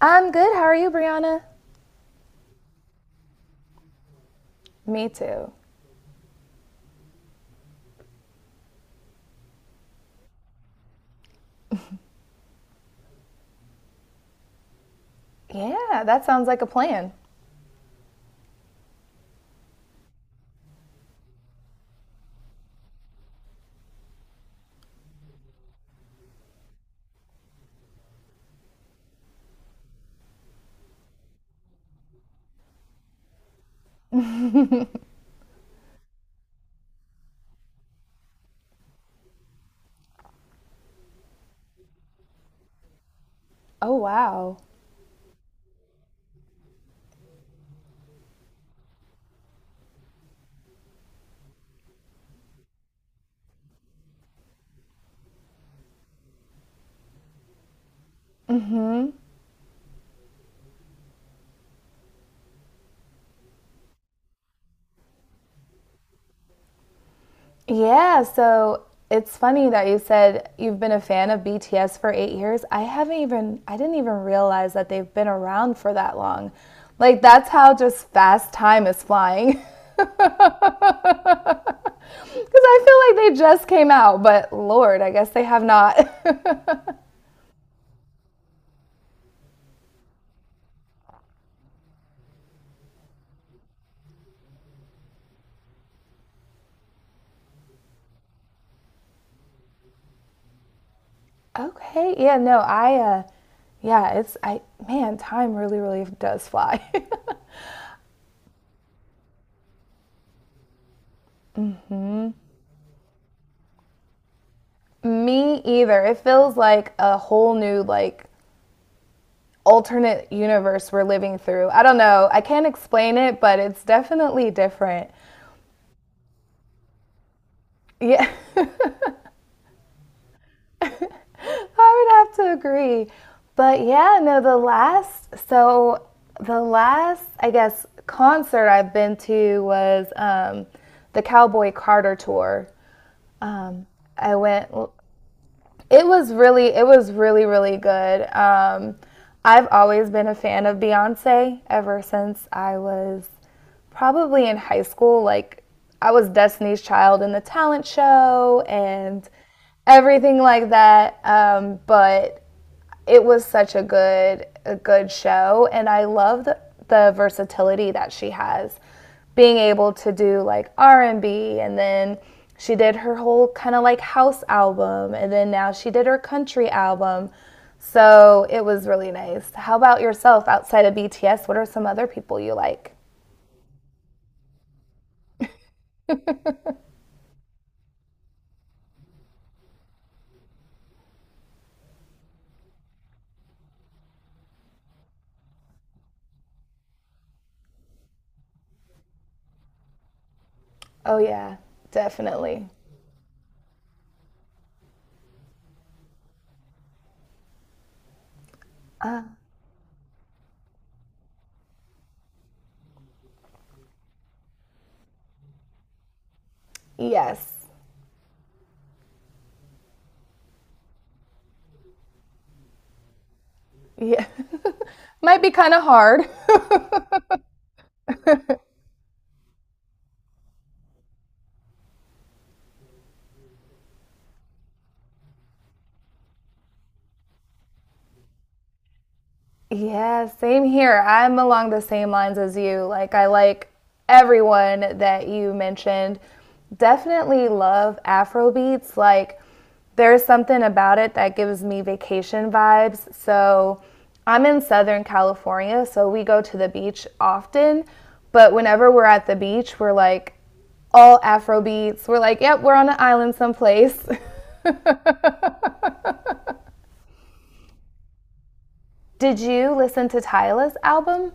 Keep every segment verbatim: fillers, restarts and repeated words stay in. I'm good. How are you, Brianna? Me too. Yeah, that sounds like a plan. Oh, wow. Yeah, so it's funny that you said you've been a fan of B T S for eight years. I haven't even, I didn't even realize that they've been around for that long. Like, that's how just fast time is flying. Because I feel like they just came out, but Lord, I guess they have not. Okay, yeah, no, I, uh, yeah, it's, I, man, time really, really does fly. Me either. It feels like a whole new, like, alternate universe we're living through. I don't know. I can't explain it, but it's definitely different. Yeah, I would have to agree. But yeah, no, the last, so the last, I guess, concert I've been to was um, the Cowboy Carter tour. Um, I went It was really, it was really, really good. Um, I've always been a fan of Beyonce ever since I was probably in high school. Like, I was Destiny's Child in the talent show and everything like that. Um, but it was such a good a good show, and I love the, the versatility that she has, being able to do like r&b and B, and then she did her whole kind of like house album, and then now she did her country album. So it was really nice. How about yourself? Outside of bts, what are some other people you like? Oh, yeah, definitely. Yes. Yeah. Might be kind of hard. Yeah, same here. I'm along the same lines as you. Like, I like everyone that you mentioned. Definitely love Afro beats. Like, there's something about it that gives me vacation vibes. So, I'm in Southern California, so we go to the beach often. But whenever we're at the beach, we're like all Afro beats. We're like, yep, we're on an island someplace. Did you listen to Tyla's album?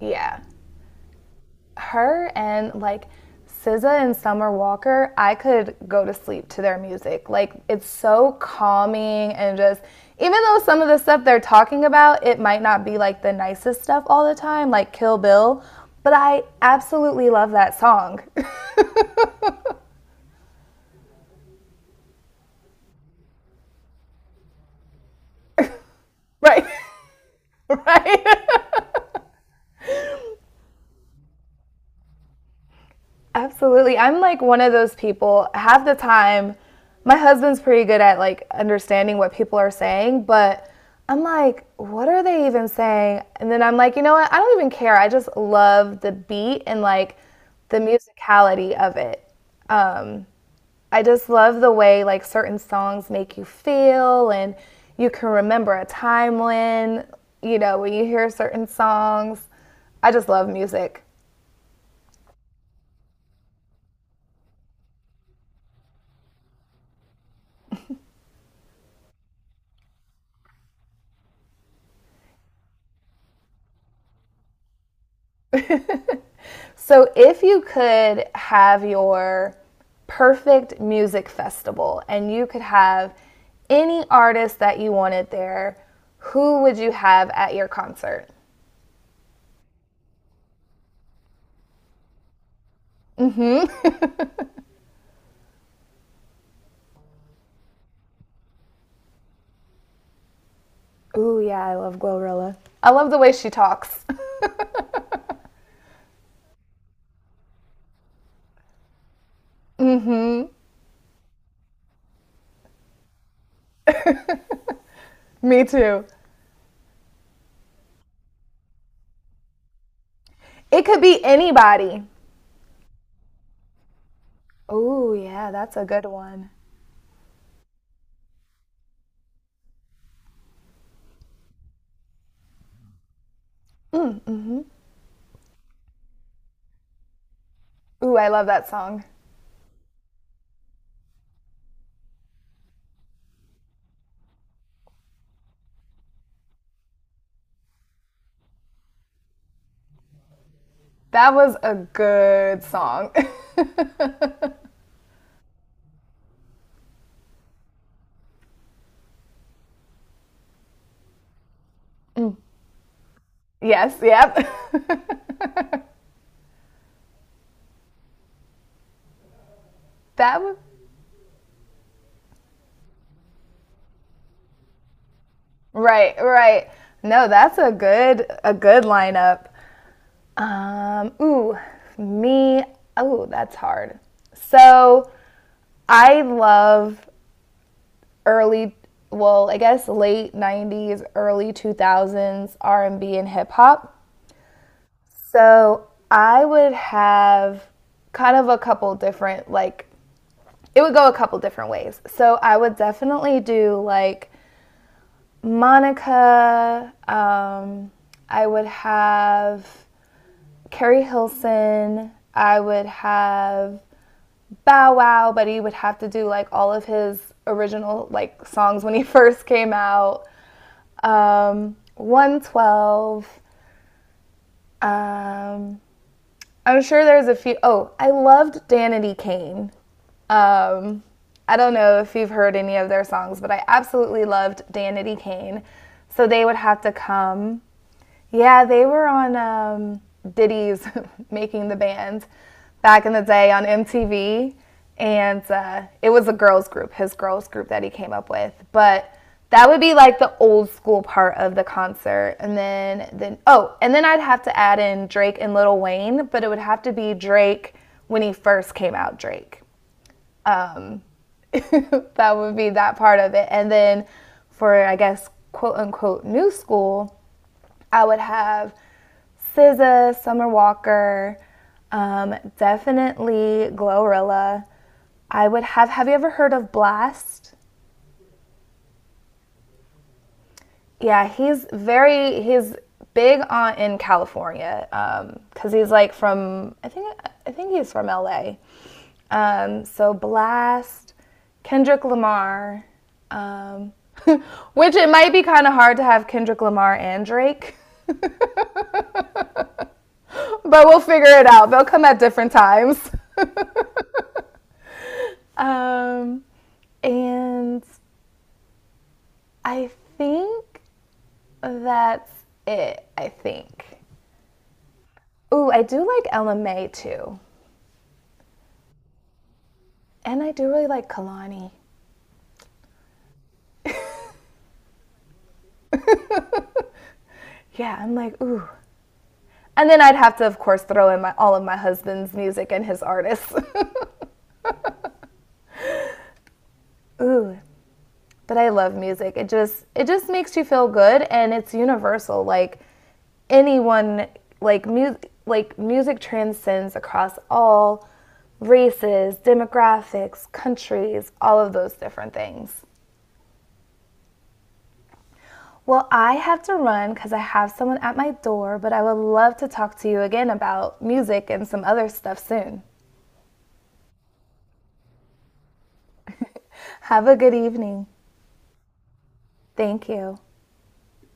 Yeah. Her and like S Z A and Summer Walker, I could go to sleep to their music. Like it's so calming, and just even though some of the stuff they're talking about, it might not be like the nicest stuff all the time, like Kill Bill, but I absolutely love that song. Right. Right. Absolutely. I'm like one of those people. Half the time, my husband's pretty good at like understanding what people are saying, but I'm like, what are they even saying? And then I'm like, you know what? I don't even care. I just love the beat and like the musicality of it. Um, I just love the way like certain songs make you feel, and you can remember a time when, you know, when you hear certain songs. I just love music. So, if you could have your perfect music festival, and you could have any artist that you wanted there, who would you have at your concert? Ooh, yeah, I love Glorilla. I love the way she talks. Me too. It could be anybody. Ooh, yeah, that's a good one. Ooh, I love that song. That was a good song. Yes, yep. That was right, right. No, that's a good a good lineup. Um, ooh, me. Oh, that's hard. So I love early, well, I guess late nineties, early two thousands R and B and B and hip hop. So I would have kind of a couple different like it would go a couple different ways. So I would definitely do like Monica. Um, I would have Carrie Hilson. I would have Bow Wow, but he would have to do like all of his original like songs when he first came out. Um, one twelve. Um, I'm sure there's a few. Oh, I loved Danity Kane. Um, I don't know if you've heard any of their songs, but I absolutely loved Danity Kane. So they would have to come. Yeah, they were on um, Diddy's Making the Band back in the day on M T V. And uh, it was a girls group, his girls group that he came up with. But that would be like the old school part of the concert. And then, then oh, and then I'd have to add in Drake and Lil Wayne, but it would have to be Drake when he first came out, Drake. Um, that would be that part of it. And then for, I guess, quote unquote, new school, I would have S Z A, Summer Walker, um, definitely Glorilla. I would have. Have you ever heard of Blast? Yeah, he's very he's big on in California because he's like from I think I think he's from L A. Um, so Blast, Kendrick Lamar, um, which it might be kind of hard to have Kendrick Lamar and Drake, but we'll figure it out. They'll come at different times. Um, and I think that's it. I think. Ooh, I do like L M A too, and I do really like Kalani. Yeah, I'm like ooh. And then I'd have to, of course, throw in my, all of my husband's music and his artists. Ooh, but I love music. It just it just makes you feel good, and it's universal. Like anyone like music like music transcends across all races, demographics, countries, all of those different things. Well, I have to run because I have someone at my door, but I would love to talk to you again about music and some other stuff soon. Have a good evening. Thank you.